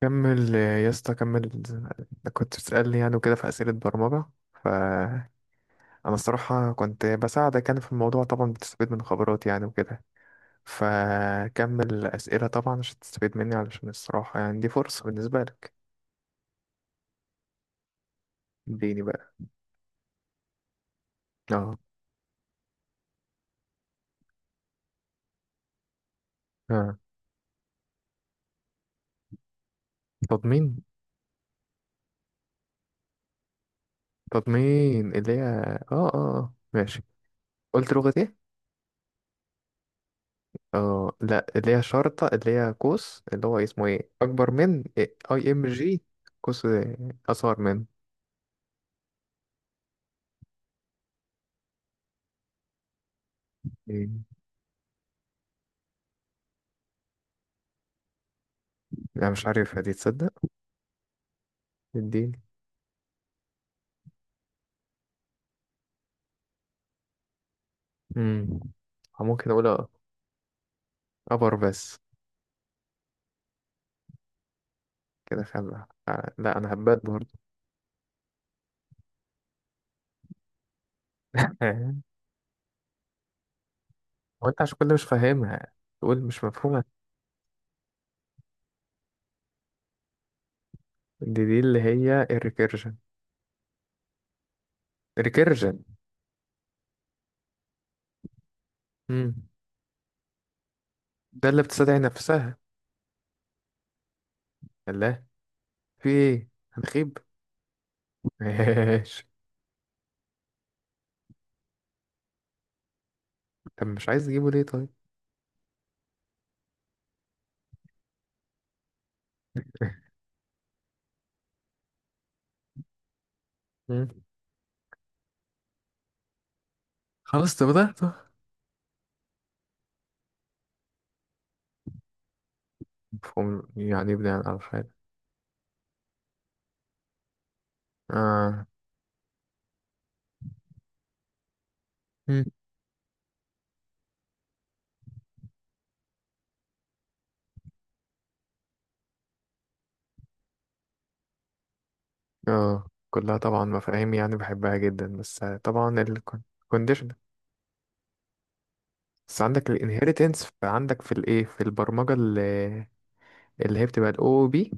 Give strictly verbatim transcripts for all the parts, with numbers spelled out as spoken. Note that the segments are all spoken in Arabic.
كمل يا اسطى كمل. أنا كنت بتسألني يعني وكده في أسئلة برمجة، فأنا الصراحة كنت بساعدك يعني في الموضوع، طبعا بتستفيد من خبراتي يعني وكده. فكمل أسئلة طبعا عشان تستفيد مني، علشان الصراحة يعني دي فرصة بالنسبة لك. اديني بقى. اه اه تضمين. تضمين اللي هي اه اه آه. ماشي. قلت لغة ايه؟ اه، لا، اللي هي شرطة، اللي هي قوس، اللي هو اسمه ايه؟ أكبر من اي ام جي. قوس أصغر من. لا مش عارفها دي، تصدق. اديني. امم ممكن اقول ابر بس. كده خلع. آه، لا انا هبات برضه. هو انت عشان كل مش فاهمها تقول مش مفهومة؟ دي دي اللي هي الريكيرجن. الريكيرجن. امم ده اللي بتستدعي نفسها. الله. في ايه هنخيب؟ ماشي. طب مش عايز تجيبه ليه طيب؟ مم. خلاص طب ده مفهوم يعني ابني عن الحاجة. اه، اه، كلها طبعا مفاهيم يعني بحبها جدا، بس طبعا الكونديشن. بس عندك الانهيرتنس عندك في الايه في البرمجه، اللي, اللي هي بتبقى الاو بي.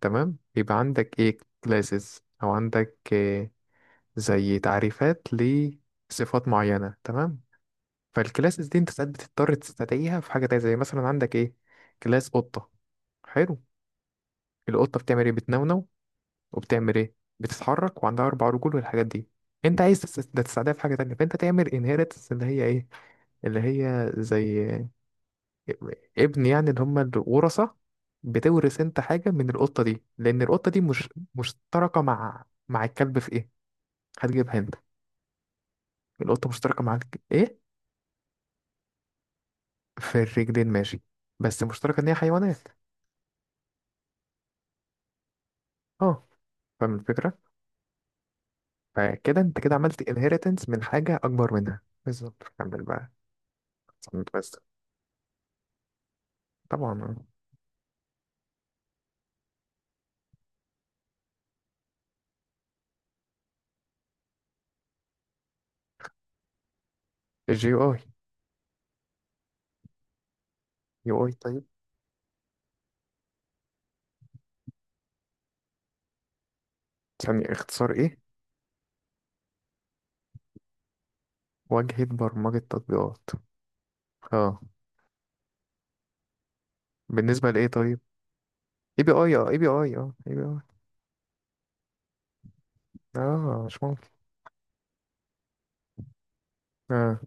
تمام، بيبقى عندك ايه كلاسز او عندك إيه زي تعريفات لصفات معينه، تمام. فالكلاسز دي انت ساعات بتضطر تستدعيها في حاجه تانية. زي مثلا عندك ايه، كلاس قطه. حلو. القطه بتعمل ايه؟ بتنونو وبتعمل ايه؟ بتتحرك وعندها اربع رجول والحاجات دي. انت عايز تس- ده تساعدها في حاجه تانية، فانت تعمل انهيرتنس اللي هي ايه، اللي هي زي ابن يعني، اللي هم الورثه. بتورث انت حاجه من القطه دي، لان القطه دي مش مشتركه مع مع الكلب في ايه؟ هتجيبها انت. القطه مشتركه مع الك... ايه؟ في الرجلين ماشي، بس مشتركه ان هي حيوانات. اه، فاهم الفكره. فكده انت كده عملت انهيرتنس من حاجه اكبر منها بالظبط. كمل بقى. بس طبعا آه. الجي يو اي. يو اي طيب. ثانية، اختصار ايه؟ واجهة برمجة تطبيقات. اه، بالنسبة لايه طيب؟ اي بي اي، اه اي بي اي، اه اي بي اي. اه مش ممكن. اه،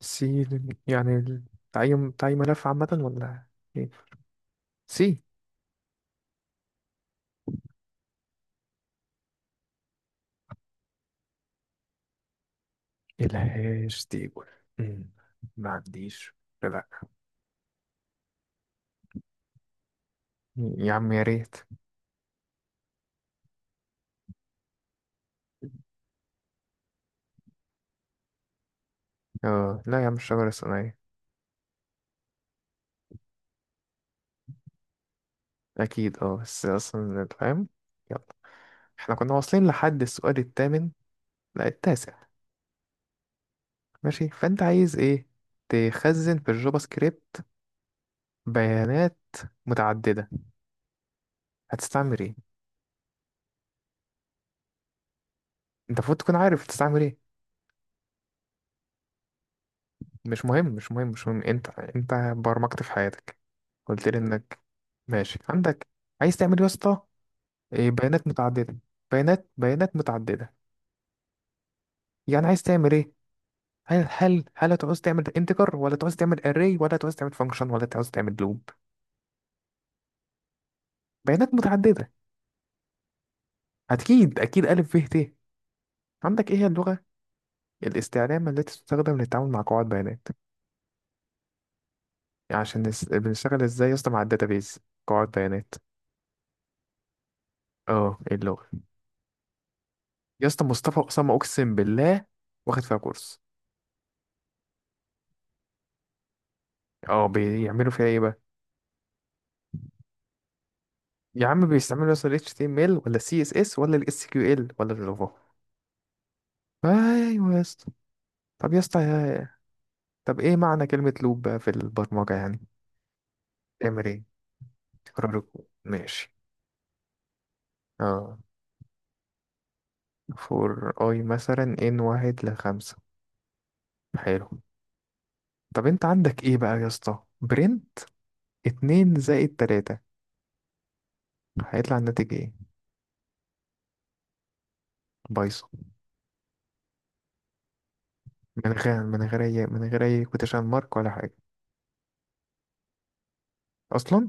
سي. يعني ال- تعيين، تعيين ملف عامة ولا ايه؟ سي. الهاش تيبل. أمم، ما عنديش. لا يا عم، يا ريت. اه، لا يا عم، الشجرة الصناعية. اكيد، اه بس اصلا فاهم. يلا. احنا كنا واصلين لحد السؤال الثامن، لا التاسع. ماشي، فانت عايز ايه تخزن في الجافا سكريبت؟ بيانات متعدده. هتستعمل ايه؟ انت المفروض تكون عارف هتستعمل ايه. مش مهم مش مهم مش مهم، انت انت برمجت في حياتك، قلت لي انك. ماشي، عندك عايز تعمل إيه يا اسطى؟ إيه، بيانات متعدده. بيانات، بيانات متعدده. يعني عايز تعمل ايه؟ هل هل هل هتعوز تعمل انتجر، ولا تعوز تعمل اري، ولا تعوز تعمل فانكشن، ولا تعوز تعمل لوب؟ بيانات متعدده. اكيد اكيد، الف ب ت. عندك ايه هي اللغه الاستعلام التي تستخدم للتعامل مع قواعد بيانات؟ يعني عشان نس... بنشتغل ازاي يا اسطى مع الداتابيز، قواعد بيانات. اه، إيه اللغة؟ يا اسطى مصطفى أسامة، أقسم بالله واخد فيها كورس. اه، بيعملوا فيها ايه بقى؟ يا عم بيستعملوا يا اسطى ال إتش تي إم إل، ولا C S S، ولا ال إس كيو إل، ولا الجافا؟ ايوه يا اسطى. طب يا اسطى يا- طب ايه معنى كلمة لوب بقى في البرمجة يعني؟ تعمل ايه؟ تكرار الكود. ماشي. اه فور اي مثلا ان واحد لخمسة. حلو. طب انت عندك ايه بقى يا اسطى، برين اتنين زائد تلاتة، هيطلع الناتج ايه؟ بايظة. من غير، من غير اي من غير اي كوتيشن مارك ولا حاجة اصلا.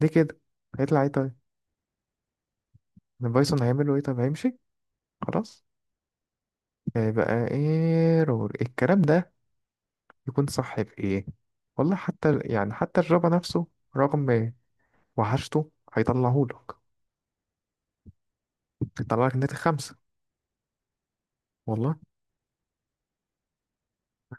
ليه كده؟ هيطلع ايه طيب؟ البايثون هيعمله ايه؟ طب هيمشي؟ خلاص. هيبقى ايرور الكلام ده يكون صح في ايه؟ والله حتى يعني حتى الجافا نفسه رغم وحشته هيطلعهولك. هيطلعلك ناتج خمسة، والله.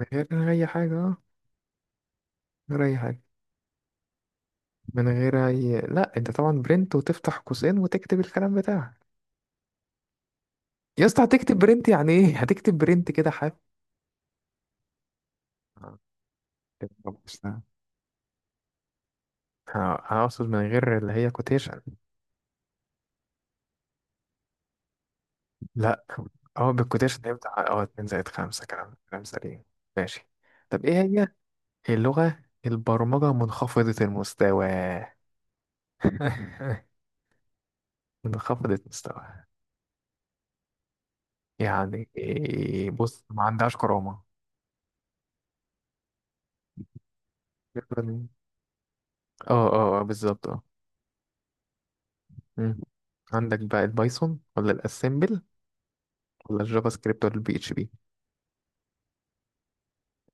من غير اي حاجة، اه. من غير اي حاجة. من غير اي لا انت طبعا برنت وتفتح قوسين وتكتب الكلام بتاعك. يا اسطى هتكتب برنت يعني ايه؟ هتكتب برنت كده حاف. آه، كده خلاص. آه. ه- هقصد من غير اللي هي كوتيشن. لا، اه، بالكوتيشن هيبدأ اه اتنين زائد خمسة كلام، كلام سليم. ماشي. طب ايه هي اللغة البرمجة منخفضة المستوى؟ منخفضة المستوى يعني إيه؟ بص، ما عندهاش كرامة. اه، اه آه، بالظبط. مم. عندك بقى البايثون، ولا الاسمبل، ولا الجافا سكريبت، ولا البي اتش بي؟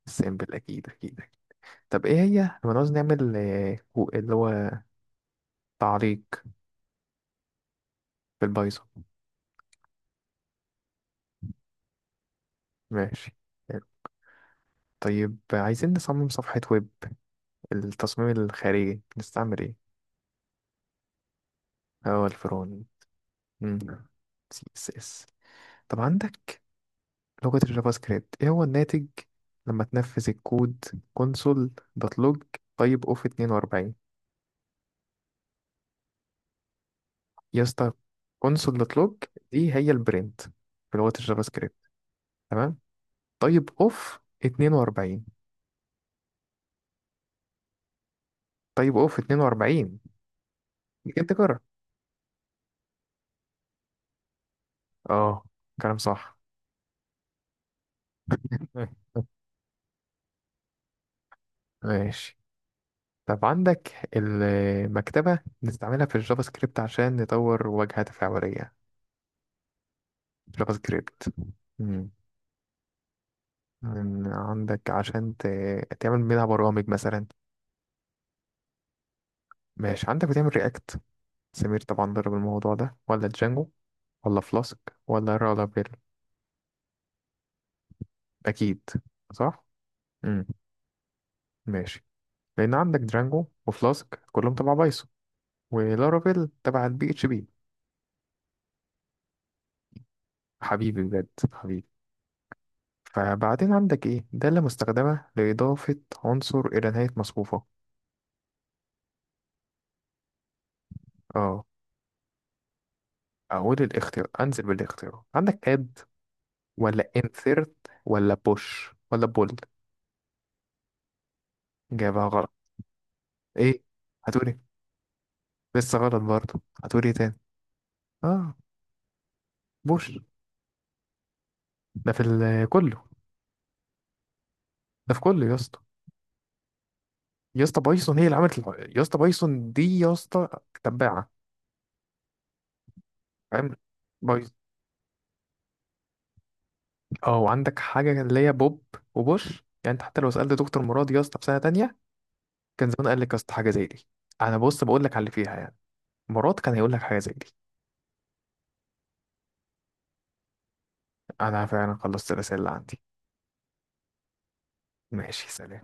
الاسمبل اكيد اكيد. طب ايه هي لما نعوز نعمل آه، كو- اللي هو تعليق بالبايثون؟ ماشي. طيب عايزين نصمم صفحة ويب، التصميم الخارجي نستعمل ايه؟ هو الفرون، سي اس اس. طب عندك لغة الجافا سكريبت ايه هو الناتج لما تنفذ الكود؟ كونسول دوت لوج. طيب اوف اتنين وأربعين. يا اسطى كونسول دوت لوج دي هي البرنت في لغة الجافا سكريبت. تمام. طيب اوف اتنين وأربعين. طيب اوف اتنين وأربعين دي كانت تكرر. اه، كلام صح. ماشي. طب عندك المكتبة بنستعملها في الجافا سكريبت عشان نطور واجهة تفاعلية؟ جافا سكريبت. مم. من- عندك عشان ت... تعمل منها برامج مثلا. ماشي. عندك بتعمل رياكت، سمير طبعا ضرب الموضوع ده، ولا جانجو، ولا فلاسك، ولا رالابيل؟ اكيد صح. امم، ماشي. لان عندك درانجو وفلاسك كلهم تبع بايثون، ولارافيل تبع البي اتش بي. حبيبي بجد حبيبي. فبعدين عندك ايه دالة مستخدمة لإضافة عنصر إلى نهاية مصفوفة؟ اه، أقول الاختيار، أنزل بالاختيار، عندك add، ولا insert، ولا push، ولا pull؟ جابها غلط. ايه هتقولي؟ لسه غلط برضه. هتقولي إيه تاني؟ اه، بوش. ده في ال- كله. ده في كله يا اسطى. يا اسطى بايثون هي اللي عملت الح- يا اسطى بايثون دي يا اسطى تباعة. فاهم، بايثون. اه وعندك حاجة اللي هي بوب وبوش. يعني انت حتى لو سألت دكتور مراد يا اسطى في سنة تانية كان زمان قال لك يا اسطى حاجة زي دي. انا بص بقول لك على اللي فيها يعني. مراد كان هيقول لك حاجة زي دي. انا فعلا خلصت الرسالة اللي عندي. ماشي، سلام.